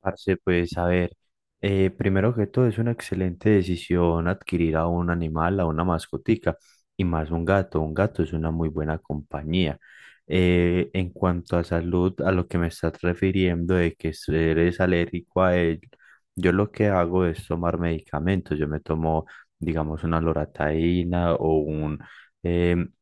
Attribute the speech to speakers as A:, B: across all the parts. A: Parce, pues a ver, primero que todo es una excelente decisión adquirir a un animal, a una mascotica y más un gato. Un gato es una muy buena compañía. En cuanto a salud, a lo que me estás refiriendo de que eres alérgico a él, yo lo que hago es tomar medicamentos. Yo me tomo, digamos, una loratadina o em,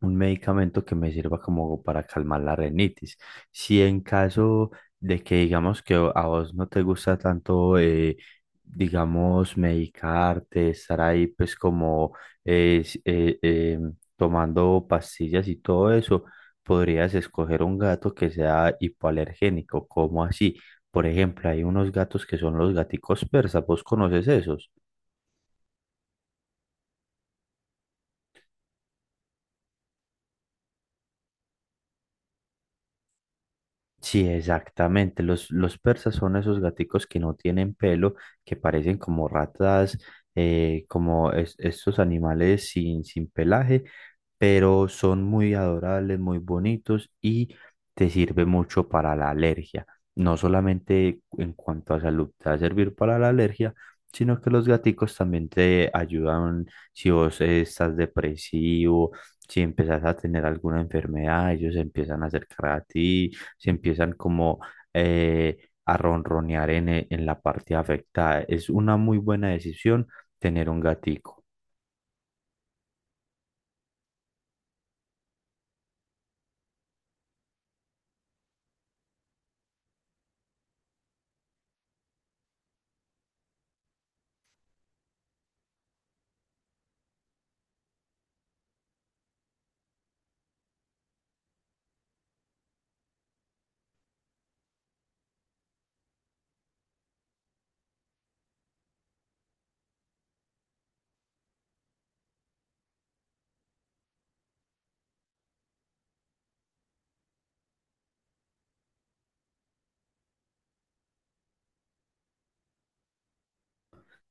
A: un medicamento que me sirva como para calmar la rinitis. Si en caso de que digamos que a vos no te gusta tanto, digamos, medicarte, estar ahí pues como eh, s- eh, eh, tomando pastillas y todo eso, podrías escoger un gato que sea hipoalergénico, como así. Por ejemplo, hay unos gatos que son los gaticos persas, ¿vos conoces esos? Sí, exactamente. Los persas son esos gaticos que no tienen pelo, que parecen como ratas, como estos animales sin pelaje, pero son muy adorables, muy bonitos y te sirve mucho para la alergia. No solamente en cuanto a salud te va a servir para la alergia, sino que los gaticos también te ayudan si vos estás depresivo, si empezás a tener alguna enfermedad, ellos se empiezan a acercar a ti, se empiezan como a ronronear en en la parte afectada. Es una muy buena decisión tener un gatico.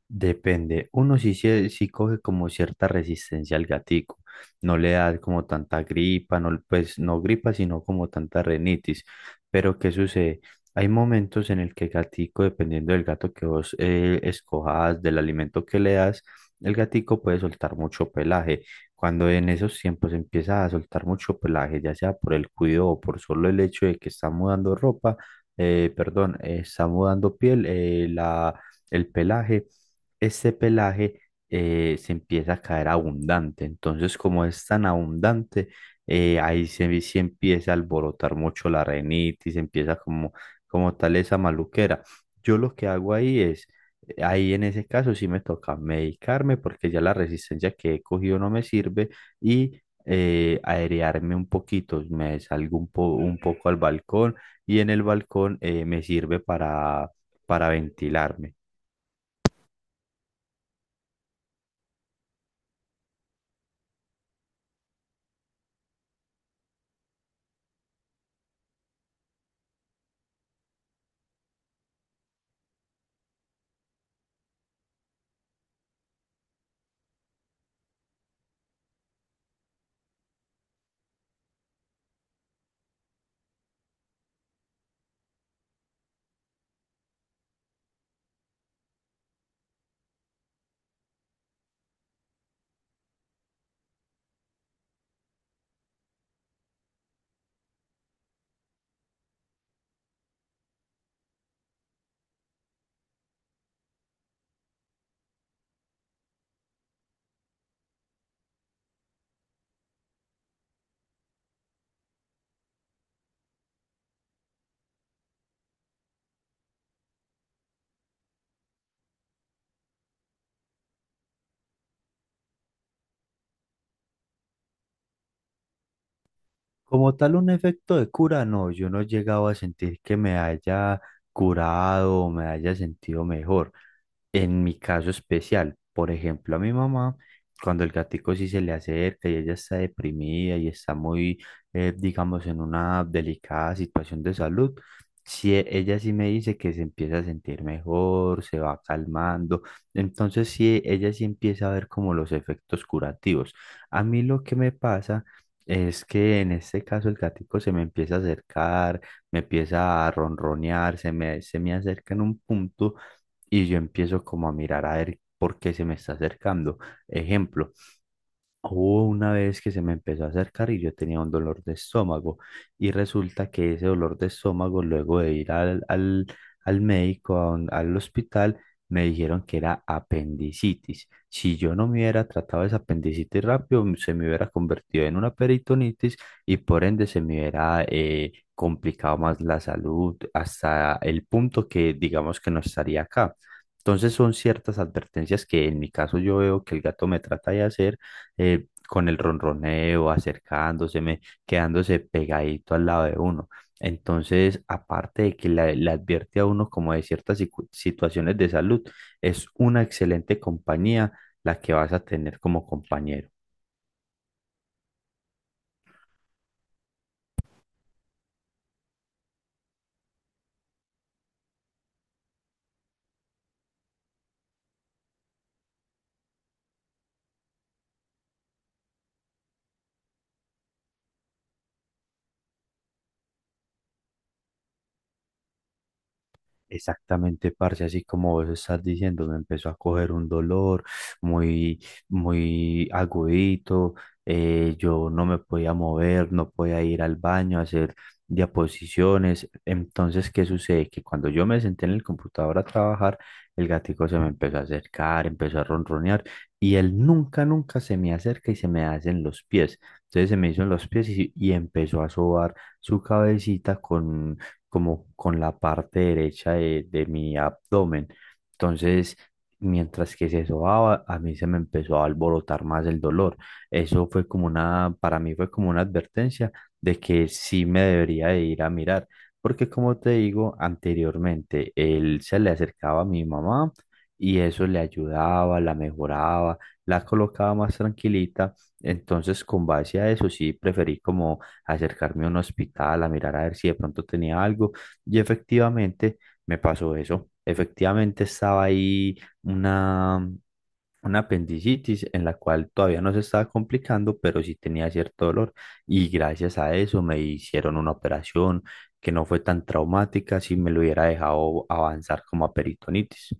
A: Depende. Uno sí coge como cierta resistencia al gatico. No le da como tanta gripa, no, pues no gripa, sino como tanta renitis. Pero ¿qué sucede? Hay momentos en el que el gatico, dependiendo del gato que vos escojas, del alimento que le das, el gatico puede soltar mucho pelaje. Cuando en esos tiempos empieza a soltar mucho pelaje, ya sea por el cuidado o por solo el hecho de que está mudando ropa, perdón, está mudando piel, el pelaje este pelaje se empieza a caer abundante. Entonces, como es tan abundante, ahí se empieza a alborotar mucho la renitis, empieza como, como tal esa maluquera. Yo lo que hago ahí en ese caso sí me toca medicarme porque ya la resistencia que he cogido no me sirve y aerearme un poquito, me salgo un poco al balcón y en el balcón me sirve para ventilarme. Como tal, un efecto de cura, no, yo no he llegado a sentir que me haya curado o me haya sentido mejor. En mi caso especial, por ejemplo, a mi mamá, cuando el gatico sí se le acerca y ella está deprimida y está muy, digamos, en una delicada situación de salud, sí, ella sí me dice que se empieza a sentir mejor, se va calmando, entonces sí, ella sí empieza a ver como los efectos curativos. A mí lo que me pasa es que en este caso el gatico se me empieza a acercar, me empieza a ronronear, se me acerca en un punto y yo empiezo como a mirar a ver por qué se me está acercando. Ejemplo. Hubo una vez que se me empezó a acercar y yo tenía un dolor de estómago y resulta que ese dolor de estómago luego de ir al médico, al hospital, me dijeron que era apendicitis. Si yo no me hubiera tratado esa apendicitis rápido, se me hubiera convertido en una peritonitis y por ende se me hubiera complicado más la salud hasta el punto que digamos que no estaría acá. Entonces son ciertas advertencias que en mi caso yo veo que el gato me trata de hacer con el ronroneo, acercándoseme, quedándose pegadito al lado de uno. Entonces, aparte de que le advierte a uno como de ciertas situaciones de salud, es una excelente compañía la que vas a tener como compañero. Exactamente, parce, así como vos estás diciendo, me empezó a coger un dolor muy, muy agudito, yo no me podía mover, no podía ir al baño a hacer diaposiciones. Entonces, ¿qué sucede? Que cuando yo me senté en el computador a trabajar, el gatico se me empezó a acercar, empezó a ronronear y él nunca, nunca se me acerca y se me hace en los pies. Entonces se me hizo en los pies y empezó a sobar su cabecita con como con la parte derecha de mi abdomen. Entonces, mientras que se sobaba, a mí se me empezó a alborotar más el dolor. Eso fue como una, para mí fue como una advertencia de que sí me debería de ir a mirar, porque como te digo anteriormente, él se le acercaba a mi mamá y eso le ayudaba, la mejoraba, la colocaba más tranquilita. Entonces, con base a eso, sí preferí como acercarme a un hospital, a mirar a ver si de pronto tenía algo. Y efectivamente me pasó eso. Efectivamente estaba ahí una apendicitis en la cual todavía no se estaba complicando, pero sí tenía cierto dolor. Y gracias a eso me hicieron una operación que no fue tan traumática si me lo hubiera dejado avanzar como a peritonitis.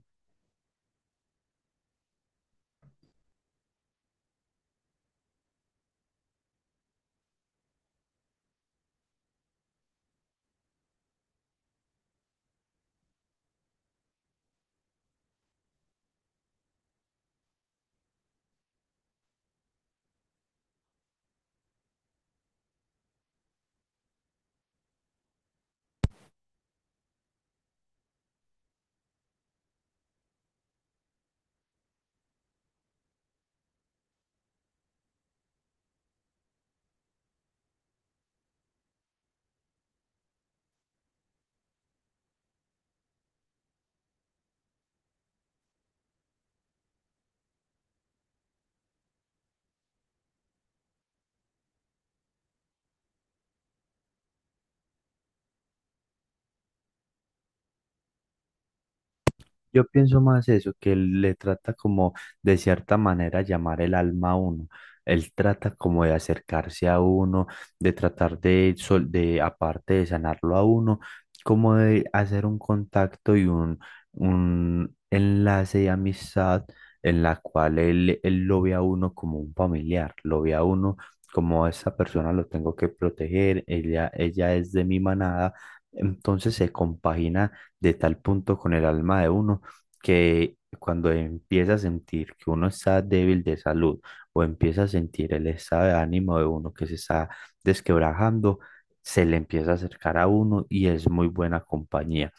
A: Yo pienso más eso, que él le trata como de cierta manera llamar el alma a uno. Él trata como de acercarse a uno, de tratar de, de aparte de sanarlo a uno, como de hacer un contacto y un enlace de amistad en la cual él, él lo ve a uno como un familiar, lo ve a uno como esa persona lo tengo que proteger, ella es de mi manada, entonces se compagina de tal punto con el alma de uno que cuando empieza a sentir que uno está débil de salud o empieza a sentir el estado de ánimo de uno que se está desquebrajando, se le empieza a acercar a uno y es muy buena compañía.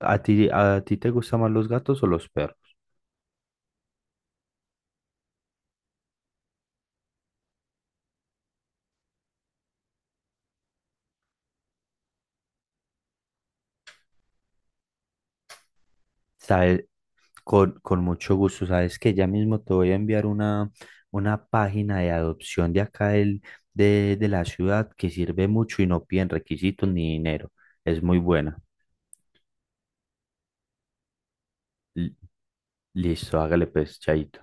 A: A ti te gustan más los gatos o los perros? Sabes, con mucho gusto, sabes que ya mismo te voy a enviar una página de adopción de acá de la ciudad que sirve mucho y no piden requisitos ni dinero. Es muy buena. L- Listo, hágale pues, chaito.